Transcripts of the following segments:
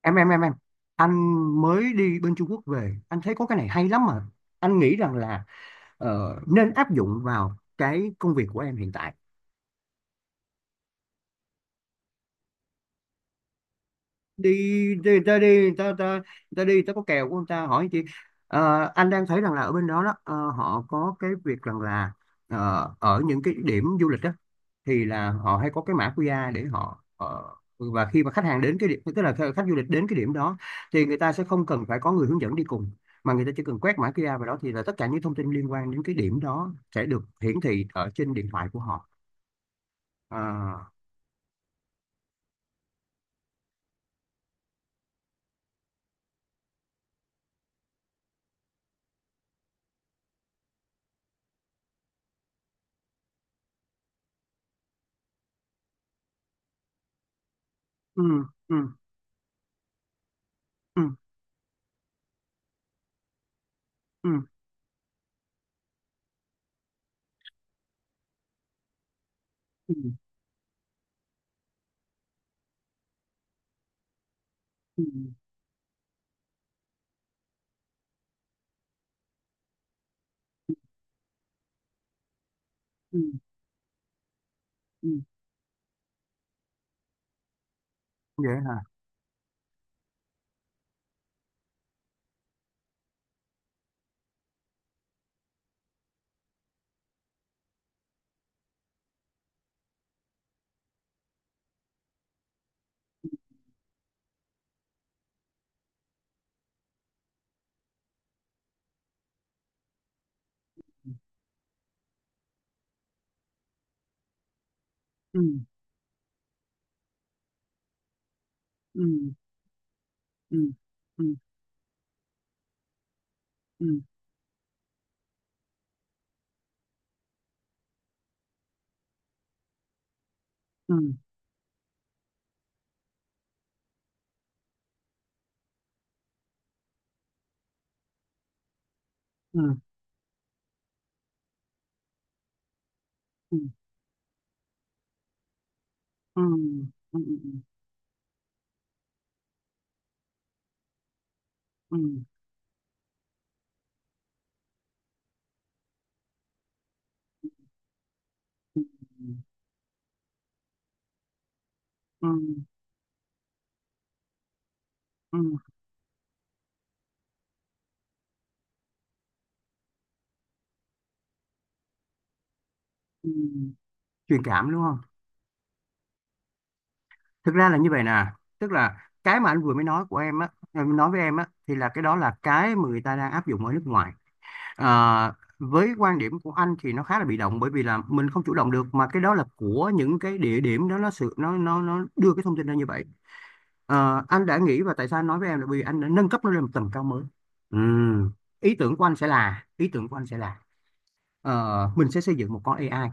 em em em em anh mới đi bên Trung Quốc về, anh thấy có cái này hay lắm mà. Anh nghĩ rằng là nên áp dụng vào cái công việc của em hiện tại. Đi, đi người ta, ta người ta đi, người ta có kèo của người ta, hỏi chị. Anh đang thấy rằng là ở bên đó đó, họ có cái việc rằng là ở những cái điểm du lịch đó thì là họ hay có cái mã QR để họ, và khi mà khách hàng đến cái điểm, tức là khách khách du lịch đến cái điểm đó, thì người ta sẽ không cần phải có người hướng dẫn đi cùng, mà người ta chỉ cần quét mã QR vào đó thì là tất cả những thông tin liên quan đến cái điểm đó sẽ được hiển thị ở trên điện thoại của họ. À, ừ, ừ, ừ, ừ, ừ, ừ, ừ, ừ, ừ. Ừ, ừ. Dạ. Ừm, ừm, ừm, ừm, ừm, ừm, ừm, ừm, ừm, ừm, ừm, ừm, ừm, ừm, ừm. Truyền cảm đúng không? Thực ra là như vậy nè, tức là cái mà anh vừa mới nói của em á, em nói với em á, thì là cái đó là cái mà người ta đang áp dụng ở nước ngoài. À, với quan điểm của anh thì nó khá là bị động, bởi vì là mình không chủ động được, mà cái đó là của những cái địa điểm đó, nó sự nó đưa cái thông tin ra như vậy. Ờ, anh đã nghĩ, và tại sao anh nói với em là bởi vì anh đã nâng cấp nó lên một tầm cao mới. Ừm, ý tưởng của anh sẽ là mình sẽ xây dựng một con AI,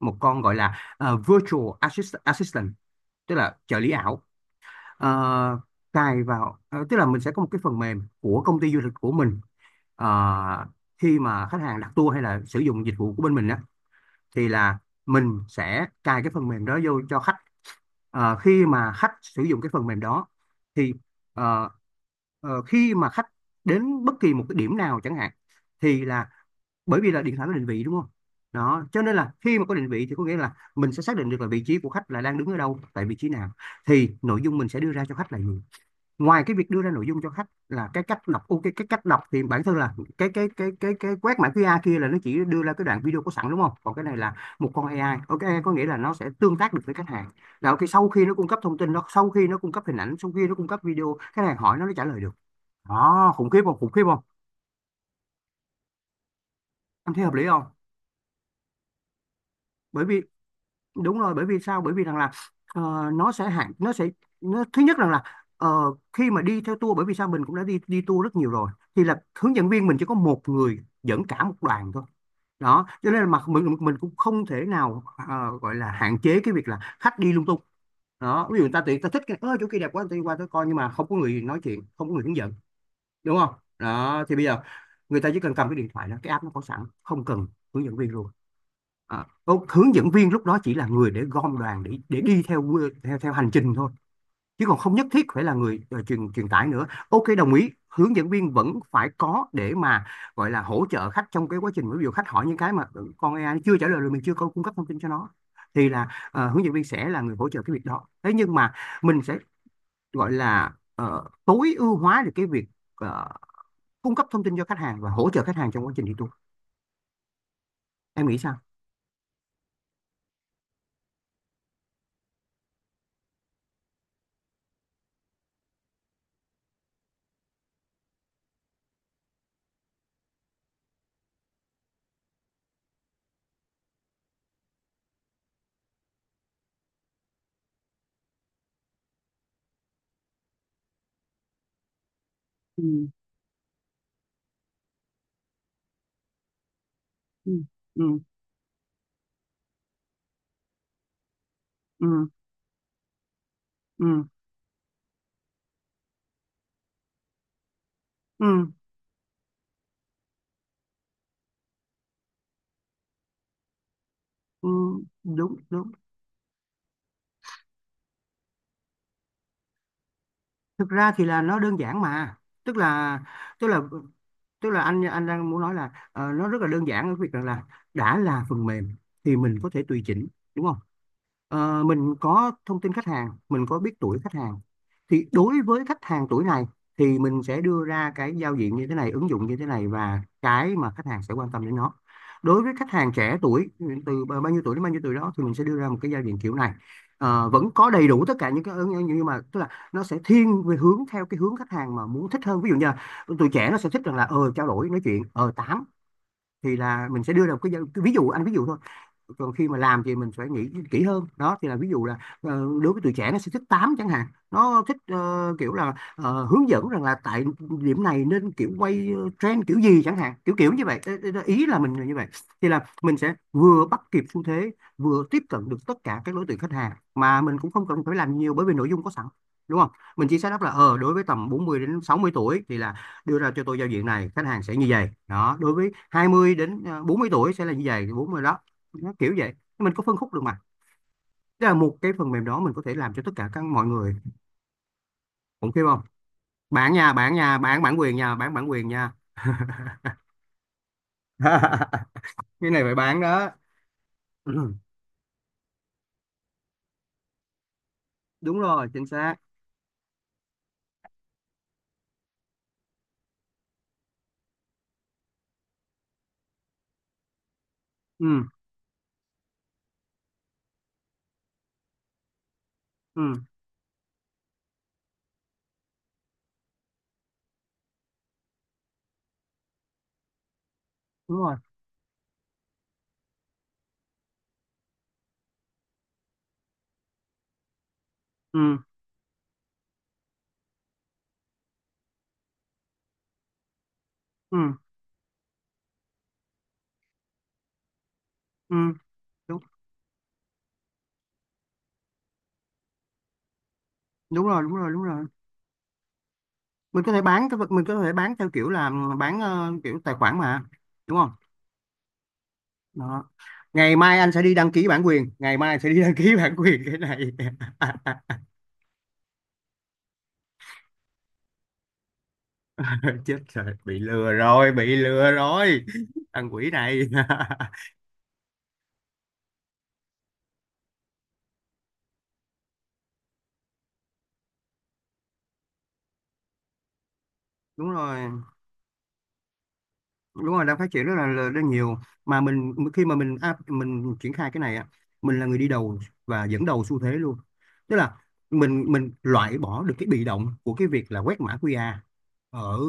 một con gọi là virtual assistant, tức là trợ lý ảo. Ờ, Cài vào tức là mình sẽ có một cái phần mềm của công ty du lịch của mình. Ờ, Khi mà khách hàng đặt tour hay là sử dụng dịch vụ của bên mình thì là mình sẽ cài cái phần mềm đó vô cho khách. Ờ, khi mà khách sử dụng cái phần mềm đó thì ờ, khi mà khách đến bất kỳ một cái điểm nào chẳng hạn, thì là bởi vì là điện thoại có định vị đúng không, đó cho nên là khi mà có định vị thì có nghĩa là mình sẽ xác định được là vị trí của khách là đang đứng ở đâu, tại vị trí nào, thì nội dung mình sẽ đưa ra cho khách là gì. Ngoài cái việc đưa ra nội dung cho khách là cái cách đọc, ok, cái cách đọc thì bản thân là cái quét mã QR kia là nó chỉ đưa ra cái đoạn video có sẵn đúng không, còn cái này là một con AI, ok, có nghĩa là nó sẽ tương tác được với khách hàng, là ok, sau khi nó cung cấp thông tin, sau khi nó cung cấp hình ảnh, sau khi nó cung cấp video, khách hàng hỏi nó trả lời được. Đó, khủng khiếp không, khủng khiếp không? Em thấy hợp lý không? Bởi vì đúng rồi, bởi vì sao, bởi vì rằng là ờ, nó sẽ hạn nó sẽ nó thứ nhất rằng là ờ, khi mà đi theo tour, bởi vì sao mình cũng đã đi đi tour rất nhiều rồi, thì là hướng dẫn viên mình chỉ có một người dẫn cả một đoàn thôi, đó cho nên là mặt mình cũng không thể nào gọi là hạn chế cái việc là khách đi lung tung. Đó, ví dụ người ta tự, người ta thích cái, ơ, chỗ kia đẹp quá, tôi đi qua tôi coi, nhưng mà không có người nói chuyện, không có người hướng dẫn, đúng không. Đó thì bây giờ người ta chỉ cần cầm cái điện thoại đó, cái app nó có sẵn, không cần hướng dẫn viên luôn. À, hướng dẫn viên lúc đó chỉ là người để gom đoàn, để đi theo theo theo hành trình thôi, chứ còn không nhất thiết phải là người truyền truyền tải nữa. Ok, đồng ý, hướng dẫn viên vẫn phải có để mà gọi là hỗ trợ khách trong cái quá trình, ví dụ khách hỏi những cái mà ừ, con AI nó chưa trả lời, rồi mình chưa có cung cấp thông tin cho nó, thì là hướng dẫn viên sẽ là người hỗ trợ cái việc đó. Thế nhưng mà mình sẽ gọi là tối ưu hóa được cái việc ờ, cung cấp thông tin cho khách hàng và hỗ trợ khách hàng trong quá trình đi tour. Em nghĩ sao? Ừ, ừ, ừ, ừ, ừ, ừ. Ừ, đúng đúng. Thực ra thì là nó đơn giản mà, tức là tức là tức là anh đang muốn nói là nó rất là đơn giản ở việc rằng là đã là phần mềm thì mình có thể tùy chỉnh, đúng không. Ờ, mình có thông tin khách hàng, mình có biết tuổi khách hàng, thì đối với khách hàng tuổi này thì mình sẽ đưa ra cái giao diện như thế này, ứng dụng như thế này, và cái mà khách hàng sẽ quan tâm đến nó. Đối với khách hàng trẻ tuổi, từ bao nhiêu tuổi đến bao nhiêu tuổi đó, thì mình sẽ đưa ra một cái giao diện kiểu này. Ờ, vẫn có đầy đủ tất cả những cái ứng-, nhưng mà tức là nó sẽ thiên về hướng theo cái hướng khách hàng mà muốn, thích hơn, ví dụ như là tụi trẻ nó sẽ thích rằng là ờ trao đổi nói chuyện ờ tám, thì là mình sẽ đưa ra một cái, ví dụ anh ví dụ thôi, còn khi mà làm thì mình phải nghĩ kỹ hơn. Đó thì là ví dụ là đối với tuổi trẻ nó sẽ thích tám chẳng hạn, nó thích kiểu là hướng dẫn rằng là tại điểm này nên kiểu quay trend kiểu gì chẳng hạn, kiểu kiểu như vậy. Ê, ê, ý là mình là như vậy, thì là mình sẽ vừa bắt kịp xu thế, vừa tiếp cận được tất cả các đối tượng khách hàng, mà mình cũng không cần phải làm nhiều bởi vì nội dung có sẵn, đúng không. Mình chỉ xác đáp là ờ đối với tầm 40 đến 60 tuổi thì là đưa ra cho tôi giao diện này, khách hàng sẽ như vậy. Đó, đối với 20 đến à, 40 tuổi sẽ là như vậy, 40 đó, nó kiểu vậy, mình có phân khúc được mà. Tức là một cái phần mềm đó mình có thể làm cho tất cả các mọi người, cũng kêu không. Bạn nha, bạn nha, bạn bản quyền nha, bạn bản quyền nha. Cái này phải bán đó. Ừ, đúng rồi, chính xác. Ừ, ừ, đúng rồi, ừ, ừ, ừ, đúng, đúng rồi, đúng rồi, đúng rồi. Mình có thể bán cái vật, mình có thể bán theo kiểu là bán kiểu tài khoản mà, đúng không. Đó, ngày mai anh sẽ đi đăng ký bản quyền, ngày mai anh sẽ đi đăng ký bản quyền cái này. Chết rồi, bị lừa rồi, bị lừa rồi, thằng quỷ này. Đúng rồi, đúng rồi đang phát triển là rất nhiều, mà mình khi mà mình triển khai cái này á, mình là người đi đầu và dẫn đầu xu thế luôn. Tức là mình loại bỏ được cái bị động của cái việc là quét mã QR ở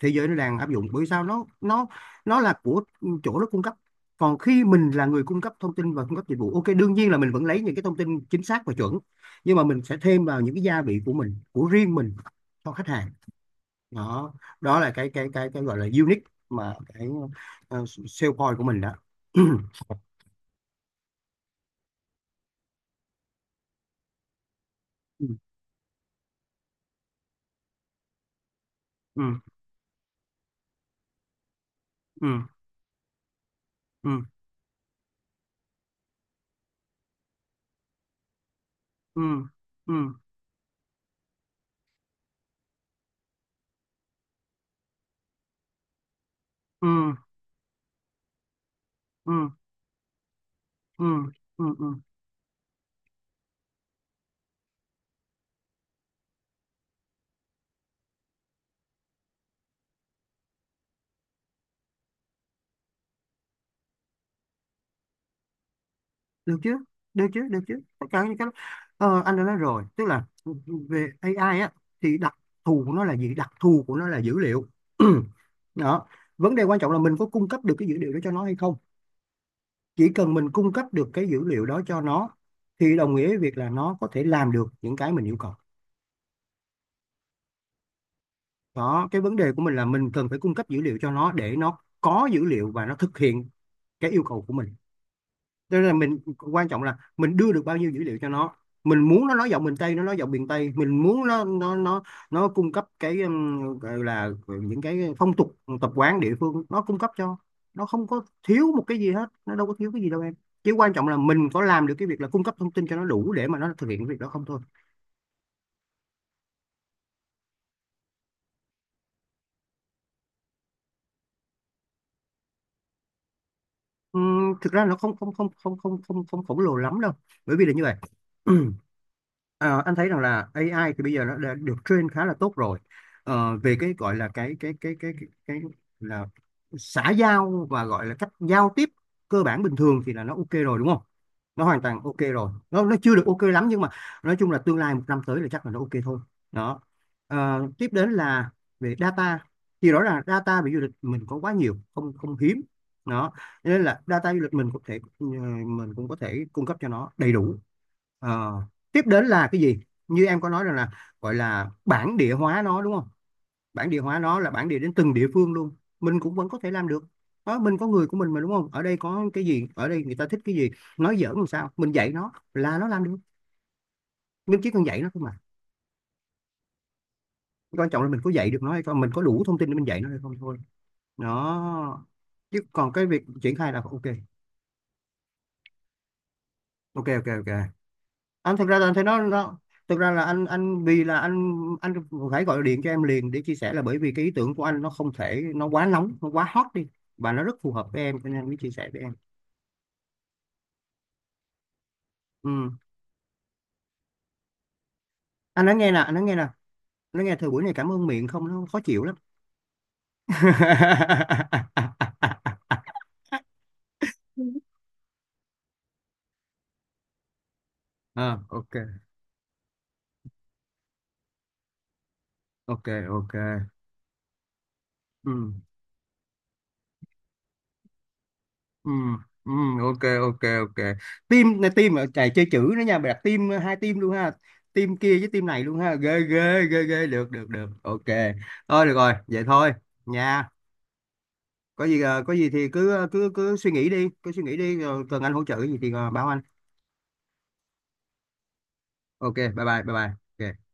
thế giới nó đang áp dụng, bởi sao, nó nó là của chỗ nó cung cấp. Còn khi mình là người cung cấp thông tin và cung cấp dịch vụ, ok, đương nhiên là mình vẫn lấy những cái thông tin chính xác và chuẩn, nhưng mà mình sẽ thêm vào những cái gia vị của mình, của riêng mình cho khách hàng. Đó, đó là cái gọi là unique, mà cái sale point của mình đó. Ừ, ừ, ừ, ừ, ừ, ừ, ừ, ừ, ừ, ừ, ừ. được chứ được chứ được chứ, tất cả những cái đó. Anh đã nói rồi, tức là về AI á thì đặc thù của nó là gì? Đặc thù của nó là dữ liệu. Đó, vấn đề quan trọng là mình có cung cấp được cái dữ liệu đó cho nó hay không. Chỉ cần mình cung cấp được cái dữ liệu đó cho nó thì đồng nghĩa với việc là nó có thể làm được những cái mình yêu cầu. Đó, cái vấn đề của mình là mình cần phải cung cấp dữ liệu cho nó để nó có dữ liệu và nó thực hiện cái yêu cầu của mình. Tức là mình, quan trọng là mình đưa được bao nhiêu dữ liệu cho nó. Mình muốn nó nói giọng miền Tây, nó nói giọng miền Tây. Mình muốn nó nó cung cấp cái gọi là những cái phong tục tập quán địa phương, nó cung cấp cho nó, không có thiếu một cái gì hết, nó đâu có thiếu cái gì đâu em. Chỉ quan trọng là mình có làm được cái việc là cung cấp thông tin cho nó đủ để mà nó thực hiện cái việc đó không thôi. Thực ra nó không không không không không không không khổng lồ lắm đâu, bởi vì là như vậy. Ờ, anh thấy rằng là AI thì bây giờ nó đã được train khá là tốt rồi. Về cái gọi là cái là xã giao và gọi là cách giao tiếp cơ bản bình thường thì là nó ok rồi, đúng không? Nó hoàn toàn ok rồi, nó chưa được ok lắm nhưng mà nói chung là tương lai một năm tới là chắc là nó ok thôi. Đó. Tiếp đến là về data, thì rõ ràng data về du lịch mình có quá nhiều, không không hiếm. Đó, nên là data du lịch mình cũng thể mình cũng có thể cung cấp cho nó đầy đủ. Ờ, Tiếp đến là cái gì, như em có nói rằng là gọi là bản địa hóa nó đúng không? Bản địa hóa nó là bản địa đến từng địa phương luôn, mình cũng vẫn có thể làm được. Đó, mình có người của mình mà, đúng không? Ở đây có cái gì, ở đây người ta thích cái gì, nói giỡn làm sao, mình dạy nó là nó làm được. Mình chỉ cần dạy nó thôi mà, quan trọng là mình có dạy được nó hay không, mình có đủ thông tin để mình dạy nó hay không thôi. Đó, chứ còn cái việc triển khai là ok. Ok, ok, ok. Anh thực ra là anh thấy nó, thực ra là anh vì là anh phải gọi điện cho em liền để chia sẻ, là bởi vì cái ý tưởng của anh nó không thể, nó quá nóng, nó quá hot đi, và nó rất phù hợp với em cho nên anh mới chia sẻ với em. Ừ. Anh nói nghe nè, anh nói nghe nè, nói nghe, thời buổi này cảm ơn miệng không nó khó chịu lắm. À, ok, ok, ok. Ừ. Ừ, ừ. Ok, ok, ok. Team này team ở chạy chơi chữ nữa nha, mày đặt team hai team luôn ha, team kia với team này luôn ha. Ghê ghê ghê ghê, được được được, ok. Thôi được rồi vậy thôi nha. Có gì có gì thì cứ cứ cứ suy nghĩ đi, cứ suy nghĩ đi, rồi cần anh hỗ trợ cái gì thì báo anh. Ok, bye bye, bye bye. Ok.